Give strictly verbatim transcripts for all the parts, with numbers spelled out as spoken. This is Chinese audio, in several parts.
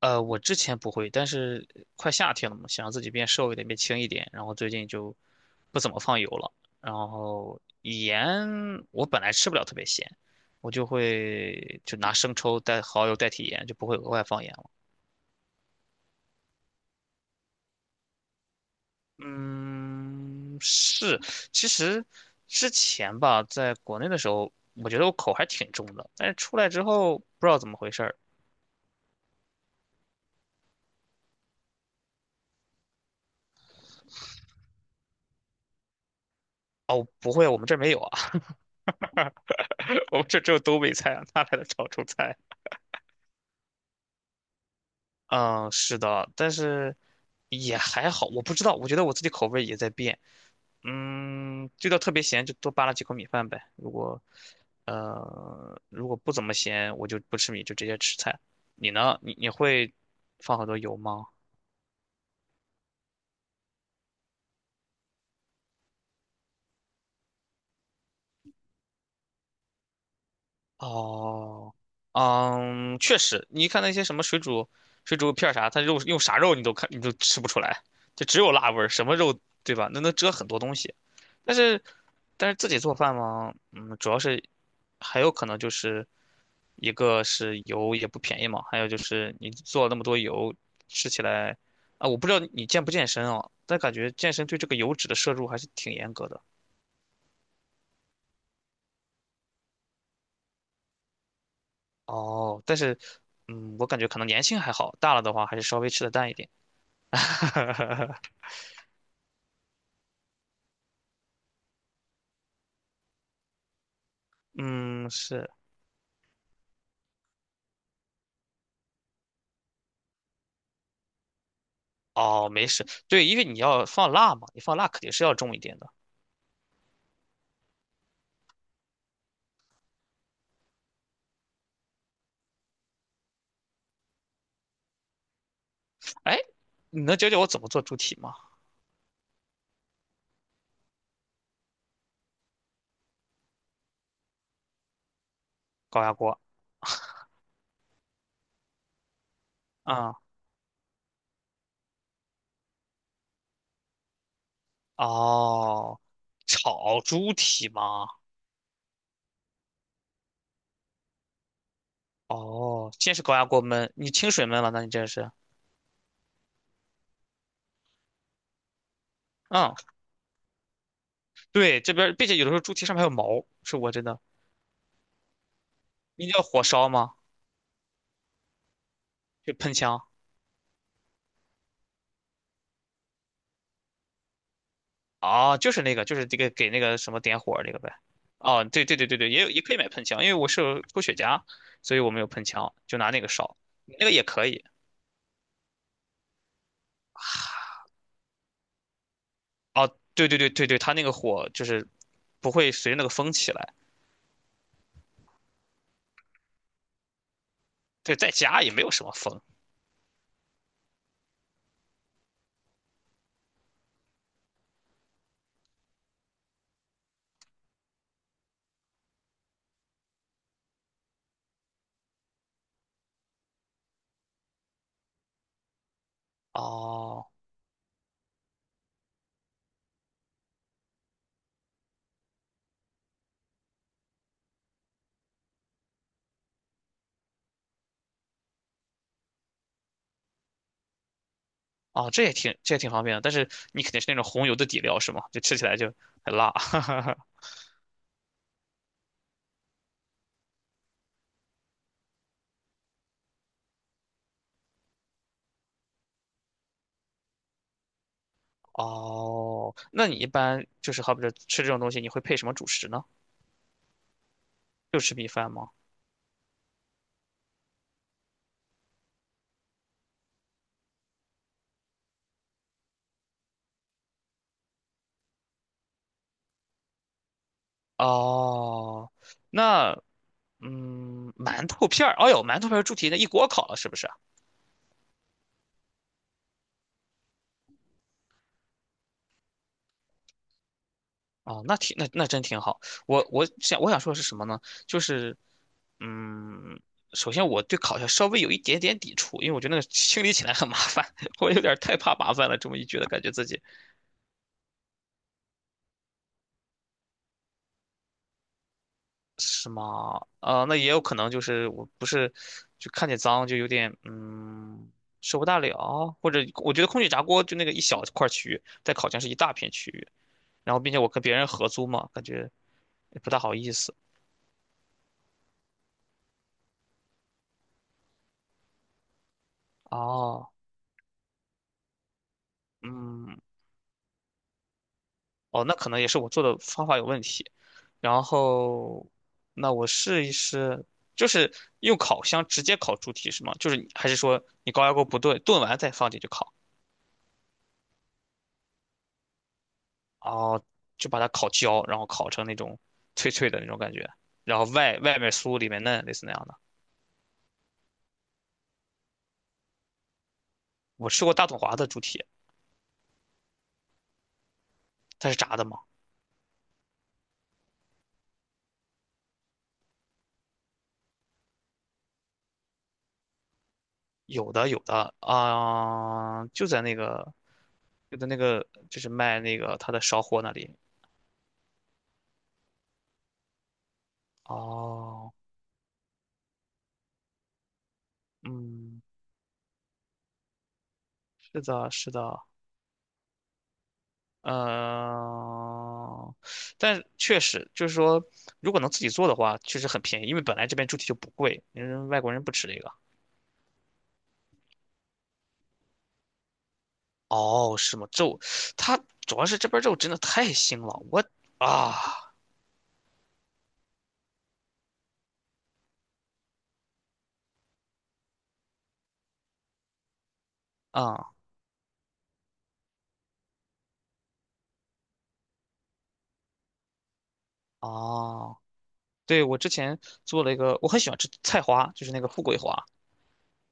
呃，我之前不会，但是快夏天了嘛，想让自己变瘦一点，变轻一点，然后最近就不怎么放油了。然后盐我本来吃不了特别咸，我就会就拿生抽代蚝油代替盐，就不会额外放盐了。嗯，是，其实之前吧，在国内的时候，我觉得我口还挺重的，但是出来之后不知道怎么回事儿。哦，不会，我们这儿没有啊，我们这儿只有东北菜啊，哪来的潮州菜？嗯，是的，但是也还好，我不知道，我觉得我自己口味也在变。嗯，这道特别咸就多扒拉几口米饭呗。如果呃如果不怎么咸，我就不吃米，就直接吃菜。你呢？你你会放很多油吗？哦，嗯，确实，你看那些什么水煮水煮片儿啥，它肉用啥肉你都看你都吃不出来，就只有辣味儿什么肉对吧？那能遮很多东西。但是但是自己做饭嘛，嗯，主要是还有可能就是一个是油也不便宜嘛，还有就是你做了那么多油，吃起来啊，我不知道你健不健身啊，但感觉健身对这个油脂的摄入还是挺严格的。哦，但是嗯，我感觉可能年轻还好，大了的话还是稍微吃的淡一点。嗯，是。哦，没事，对，因为你要放辣嘛，你放辣肯定是要重一点的。哎，你能教教我怎么做猪蹄吗？高压锅。啊。哦，炒猪蹄吗？哦，先是高压锅焖，你清水焖了，那你这是，嗯，对，这边儿，并且有的时候猪蹄上面还有毛，是我真的，你叫火烧吗？就喷枪，啊，就是那个，就是这个给那个什么点火那个呗。哦，对对对对对，也有也可以买喷枪，因为我是抽雪茄，所以我没有喷枪，就拿那个烧，那个也可以。对对对对对，它那个火就是不会随着那个风起来，对，在家也没有什么风。哦，哦，这也挺这也挺方便的，但是你肯定是那种红油的底料是吗？就吃起来就很辣。哦，那你一般就是好比说吃这种东西，你会配什么主食呢？就吃米饭吗？哦，那嗯，馒头片儿，哎呦，馒头片儿猪蹄那一锅烤了，是不是？哦，那挺那那真挺好。我我想我想说的是什么呢？就是嗯，首先我对烤鸭稍微有一点点抵触，因为我觉得那个清理起来很麻烦，我有点儿太怕麻烦了。这么一觉得，感觉自己。是吗？啊、那也有可能就是我不是就看见脏就有点嗯受不大了，或者我觉得空气炸锅就那个一小块区域，在烤箱是一大片区域，然后并且我跟别人合租嘛，感觉也不大好意思。哦，嗯，哦，那可能也是我做的方法有问题。然后，那我试一试，就是用烤箱直接烤猪蹄是吗？就是你还是说你高压锅不炖，炖完再放进去烤？哦，就把它烤焦，然后烤成那种脆脆的那种感觉，然后外外面酥里面嫩，类似那样的。我吃过大统华的猪蹄，它是炸的吗？有的，有的啊、就在那个就在那个就是卖那个它的烧货那里。哦，嗯，是的，是的，嗯、但确实就是说，如果能自己做的话，确实很便宜，因为本来这边猪蹄就不贵，因为外国人不吃这个。哦，是吗？肉，它主要是这边肉真的太腥了，我啊啊哦，对，我之前做了一个，我很喜欢吃菜花，就是那个富贵花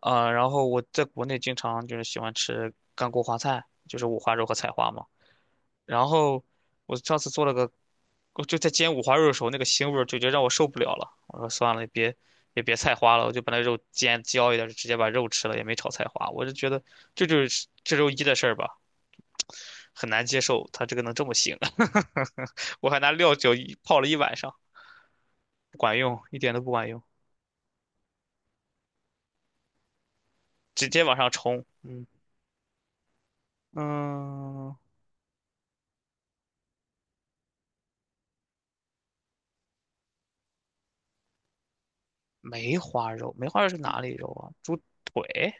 啊、呃然后我在国内经常就是喜欢吃干锅花菜，就是五花肉和菜花嘛。然后我上次做了个，我就在煎五花肉的时候，那个腥味儿就觉得让我受不了了。我说算了，也别也别菜花了，我就把那肉煎焦一点，就直接把肉吃了，也没炒菜花。我就觉得这就是这周一的事儿吧。很难接受它这个能这么腥，我还拿料酒一泡了一晚上，不管用，一点都不管用，直接往上冲。嗯嗯，梅花肉，梅花肉是哪里肉啊？猪腿？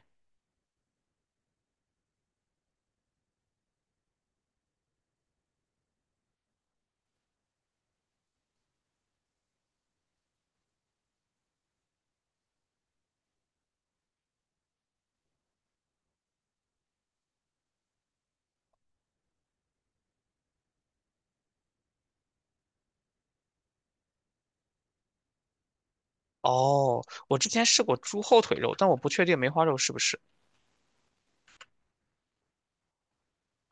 哦，我之前试过猪后腿肉，但我不确定梅花肉是不是。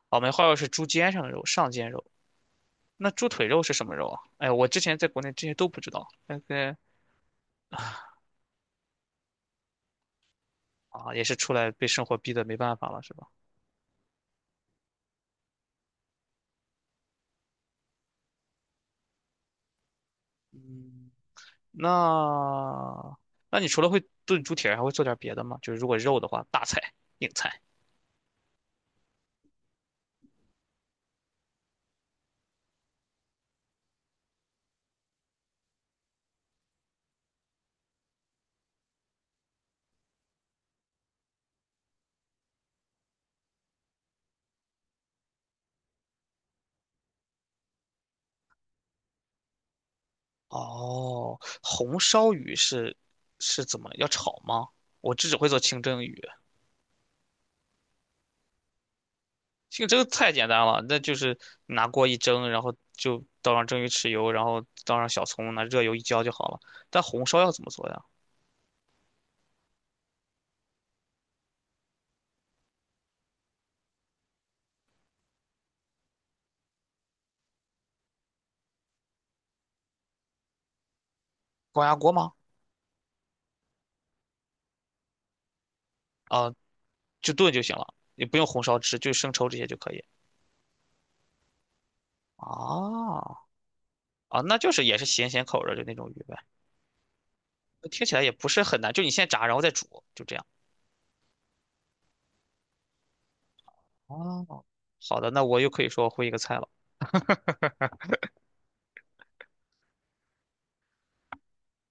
哦，梅花肉是猪肩上的肉，上肩肉。那猪腿肉是什么肉啊？哎，我之前在国内这些都不知道，但是啊，也是出来被生活逼得没办法了，是吧？嗯。那那你除了会炖猪蹄儿，还会做点别的吗？就是如果肉的话，大菜、硬菜。哦，红烧鱼是是怎么要炒吗？我这只会做清蒸鱼，清蒸太简单了，那就是拿锅一蒸，然后就倒上蒸鱼豉油，然后倒上小葱，拿热油一浇就好了。但红烧要怎么做呀？高压锅吗？啊，就炖就行了，也不用红烧汁，就生抽这些就可以。啊啊，那就是也是咸咸口儿的，就那种鱼呗。听起来也不是很难，就你先炸，然后再煮，就这样。哦，好的，那我又可以说会一个菜了。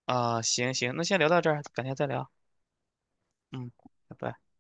啊、行行，那先聊到这儿，改天再聊。嗯，拜拜。